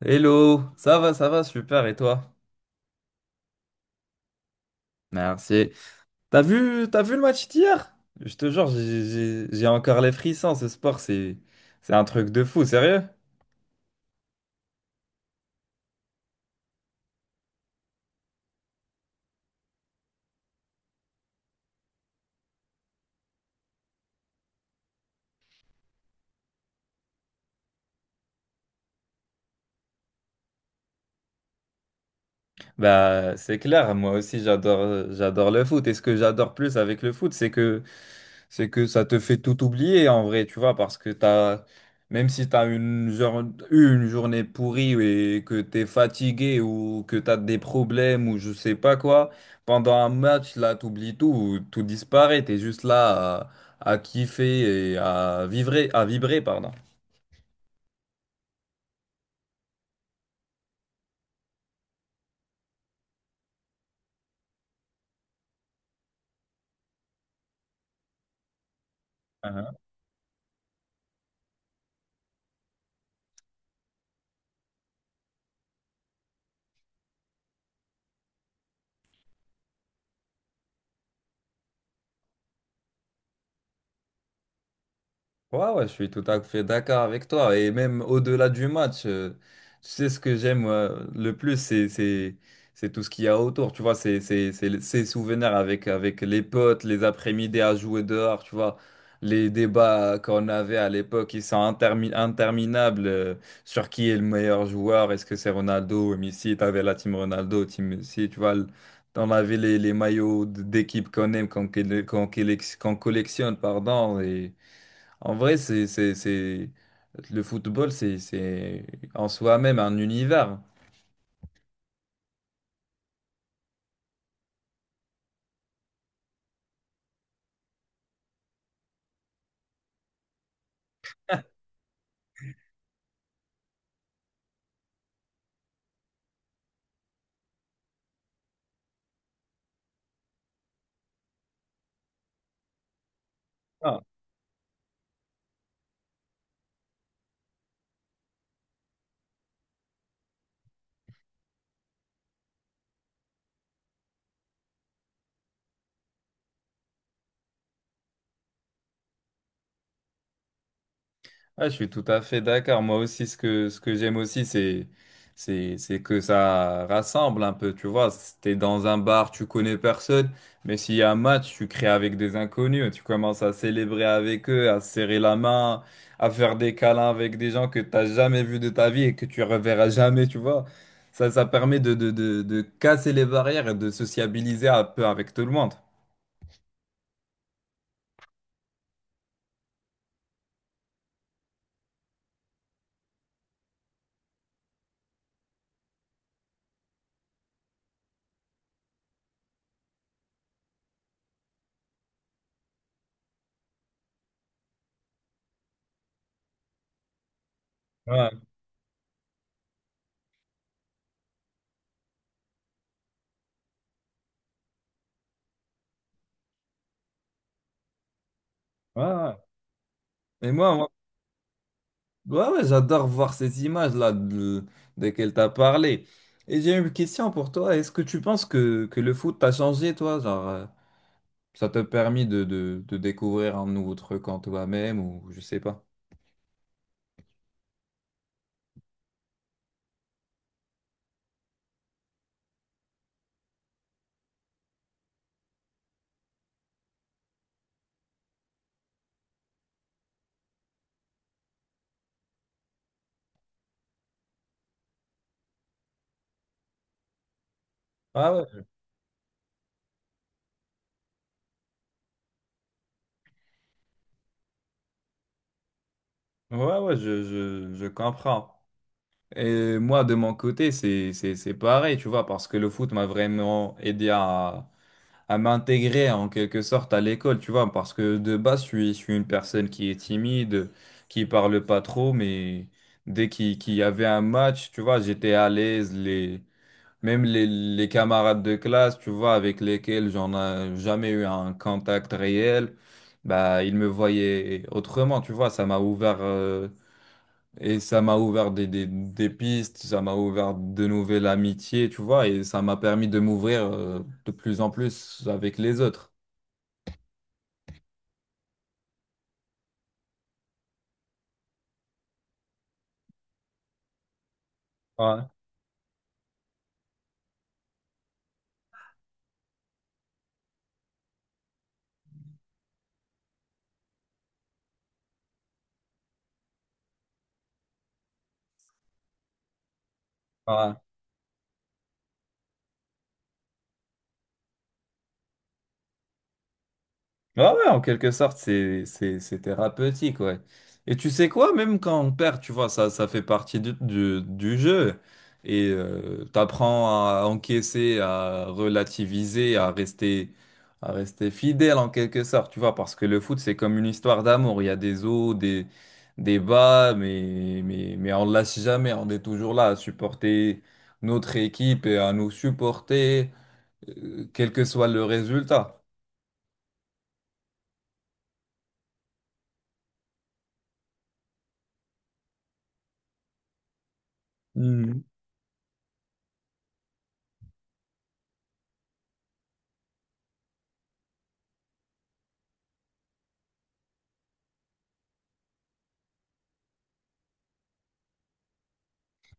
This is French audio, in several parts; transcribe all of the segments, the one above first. Hello, ça va, super, et toi? Merci. T'as vu le match d'hier? Je te jure, j'ai encore les frissons, ce sport, c'est un truc de fou, sérieux? Bah, c'est clair, moi aussi j'adore j'adore le foot, et ce que j'adore plus avec le foot, c'est que ça te fait tout oublier en vrai, tu vois, parce que t'as, même si eu une journée pourrie et que t'es fatigué ou que t'as des problèmes ou je sais pas quoi, pendant un match, là, t'oublies tout, tout disparaît, t'es juste là à kiffer et à vibrer, pardon. Ouais, ouais, je suis tout à fait d'accord avec toi. Et même au-delà du match, tu sais ce que j'aime le plus, c'est tout ce qu'il y a autour. Tu vois, c'est ces souvenirs avec les potes, les après-midi à jouer dehors, tu vois. Les débats qu'on avait à l'époque, ils sont interminables sur qui est le meilleur joueur. Est-ce que c'est Ronaldo ou Messi? T'avais la team Ronaldo, team Messi, tu vois. On avait les maillots d'équipe qu'on aime, qu'on collectionne, pardon. Et... En vrai, c'est... le football, c'est en soi-même un univers. Ouais, je suis tout à fait d'accord. Moi aussi, ce que j'aime aussi, c'est que ça rassemble un peu, tu vois. Si t'es dans un bar, tu connais personne, mais s'il y a un match, tu crées avec des inconnus, tu commences à célébrer avec eux, à se serrer la main, à faire des câlins avec des gens que t'as jamais vus de ta vie et que tu reverras jamais, tu vois. Ça permet de casser les barrières et de sociabiliser un peu avec tout le monde. Ouais, ouais, ouais. Et moi, ouais, ouais, j'adore voir ces images-là desquelles tu as parlé. Et j'ai une question pour toi. Est-ce que tu penses que le foot t'a changé, toi? Genre, ça t'a permis de découvrir un nouveau truc en toi-même ou je sais pas. Ah ouais, ouais, ouais, je comprends. Et moi, de mon côté, c'est pareil, tu vois, parce que le foot m'a vraiment aidé à m'intégrer en quelque sorte à l'école, tu vois, parce que de base, je suis une personne qui est timide, qui parle pas trop, mais dès qu'il y avait un match, tu vois, j'étais à l'aise, les, même les camarades de classe, tu vois, avec lesquels j'en ai jamais eu un contact réel, bah, ils me voyaient autrement, tu vois, ça m'a ouvert, et ça m'a ouvert des pistes, ça m'a ouvert de nouvelles amitiés, tu vois, et ça m'a permis de m'ouvrir de plus en plus avec les autres. Ouais, ouais. Ah ouais, en quelque sorte, c'est thérapeutique, ouais. Et tu sais quoi, même quand on perd, tu vois, ça fait partie du jeu. Et t'apprends à encaisser, à relativiser, à rester fidèle en quelque sorte, tu vois, parce que le foot, c'est comme une histoire d'amour. Il y a des hauts, des bas, mais on ne lâche jamais. On est toujours là à supporter notre équipe et à nous supporter, quel que soit le résultat.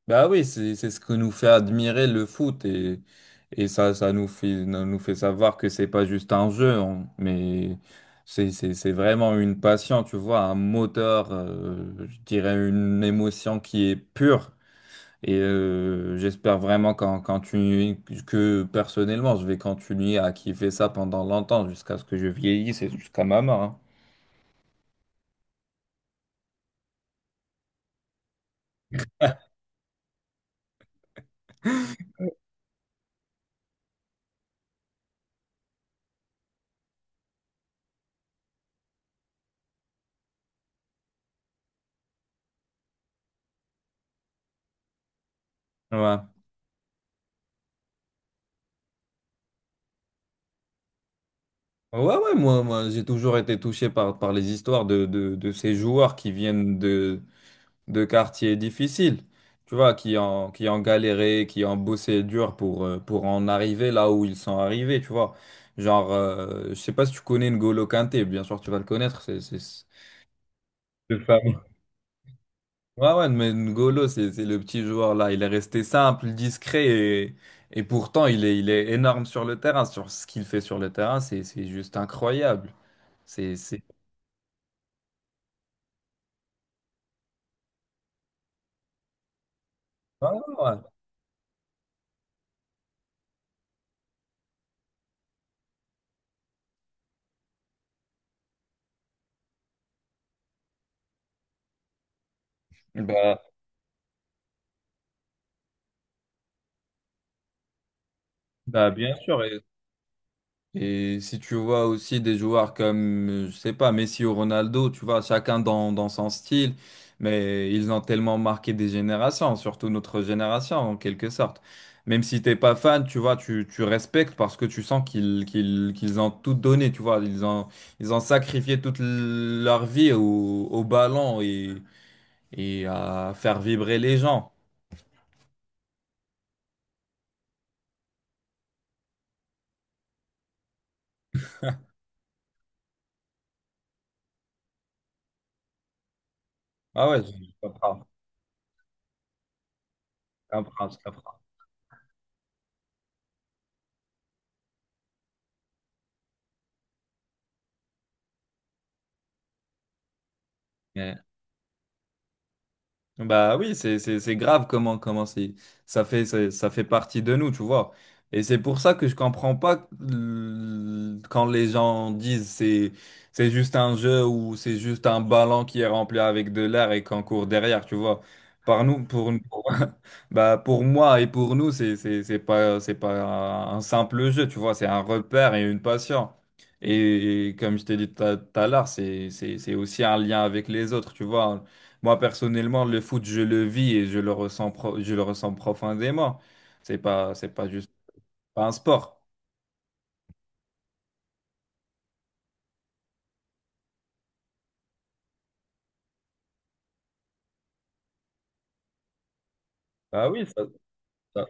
Bah oui, c'est ce que nous fait admirer le foot et ça ça nous fait savoir que c'est pas juste un jeu, hein, mais c'est vraiment une passion, tu vois, un moteur, je dirais une émotion qui est pure et j'espère vraiment quand quand tu que personnellement je vais continuer à kiffer ça pendant longtemps jusqu'à ce que je vieillisse et jusqu'à ma mort, hein. Ouais. Ouais, ouais, moi j'ai toujours été touché par les histoires de ces joueurs qui viennent de quartiers difficiles, tu vois, qui ont galéré, qui ont bossé dur pour en arriver là où ils sont arrivés, tu vois. Genre, je sais pas si tu connais N'Golo Kanté, bien sûr tu vas le connaître, Le fameux. Ouais, ouais, mais N'Golo, c'est le petit joueur là, il est resté simple, discret, et pourtant il est énorme sur le terrain, sur ce qu'il fait sur le terrain, c'est juste incroyable. C'est... c'est- Ouais, ouais, ouais. Bah, Bah, bien sûr, et si tu vois aussi des joueurs comme, je sais pas, Messi ou Ronaldo, tu vois, chacun dans son style, mais ils ont tellement marqué des générations, surtout notre génération en quelque sorte. Même si t'es pas fan, tu vois, tu respectes parce que tu sens qu'ils ont tout donné, tu vois, ils ont sacrifié toute leur vie au ballon et à faire vibrer les gens. Ah ouais, je comprends. Bah oui, c'est grave comment c'est ça fait ça, ça fait partie de nous, tu vois. Et c'est pour ça que je comprends pas quand les gens disent c'est juste un jeu ou c'est juste un ballon qui est rempli avec de l'air et qu'on court derrière, tu vois. Par nous bah pour moi et pour nous, c'est pas un simple jeu, tu vois, c'est un repère et une passion. Et comme je t'ai dit tout à l'heure, c'est aussi un lien avec les autres, tu vois. Moi, personnellement, le foot, je le vis et je le ressens, je le ressens profondément. C'est pas juste pas un sport. Bah oui, ça-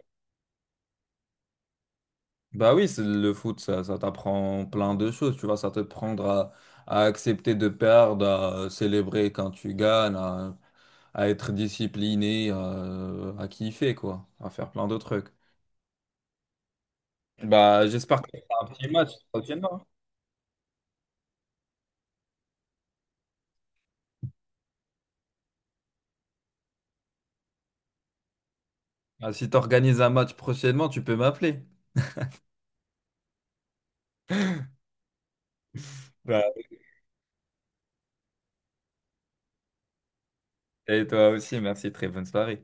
bah oui, le foot, ça t'apprend plein de choses. Tu vois, ça te prendre à accepter de perdre, à célébrer quand tu gagnes, à être discipliné, à kiffer, quoi, à faire plein de trucs. Bah, j'espère que tu un petit match prochainement. Ah, si tu organises un match prochainement, tu peux m'appeler. Voilà. Et toi aussi, merci, très bonne soirée.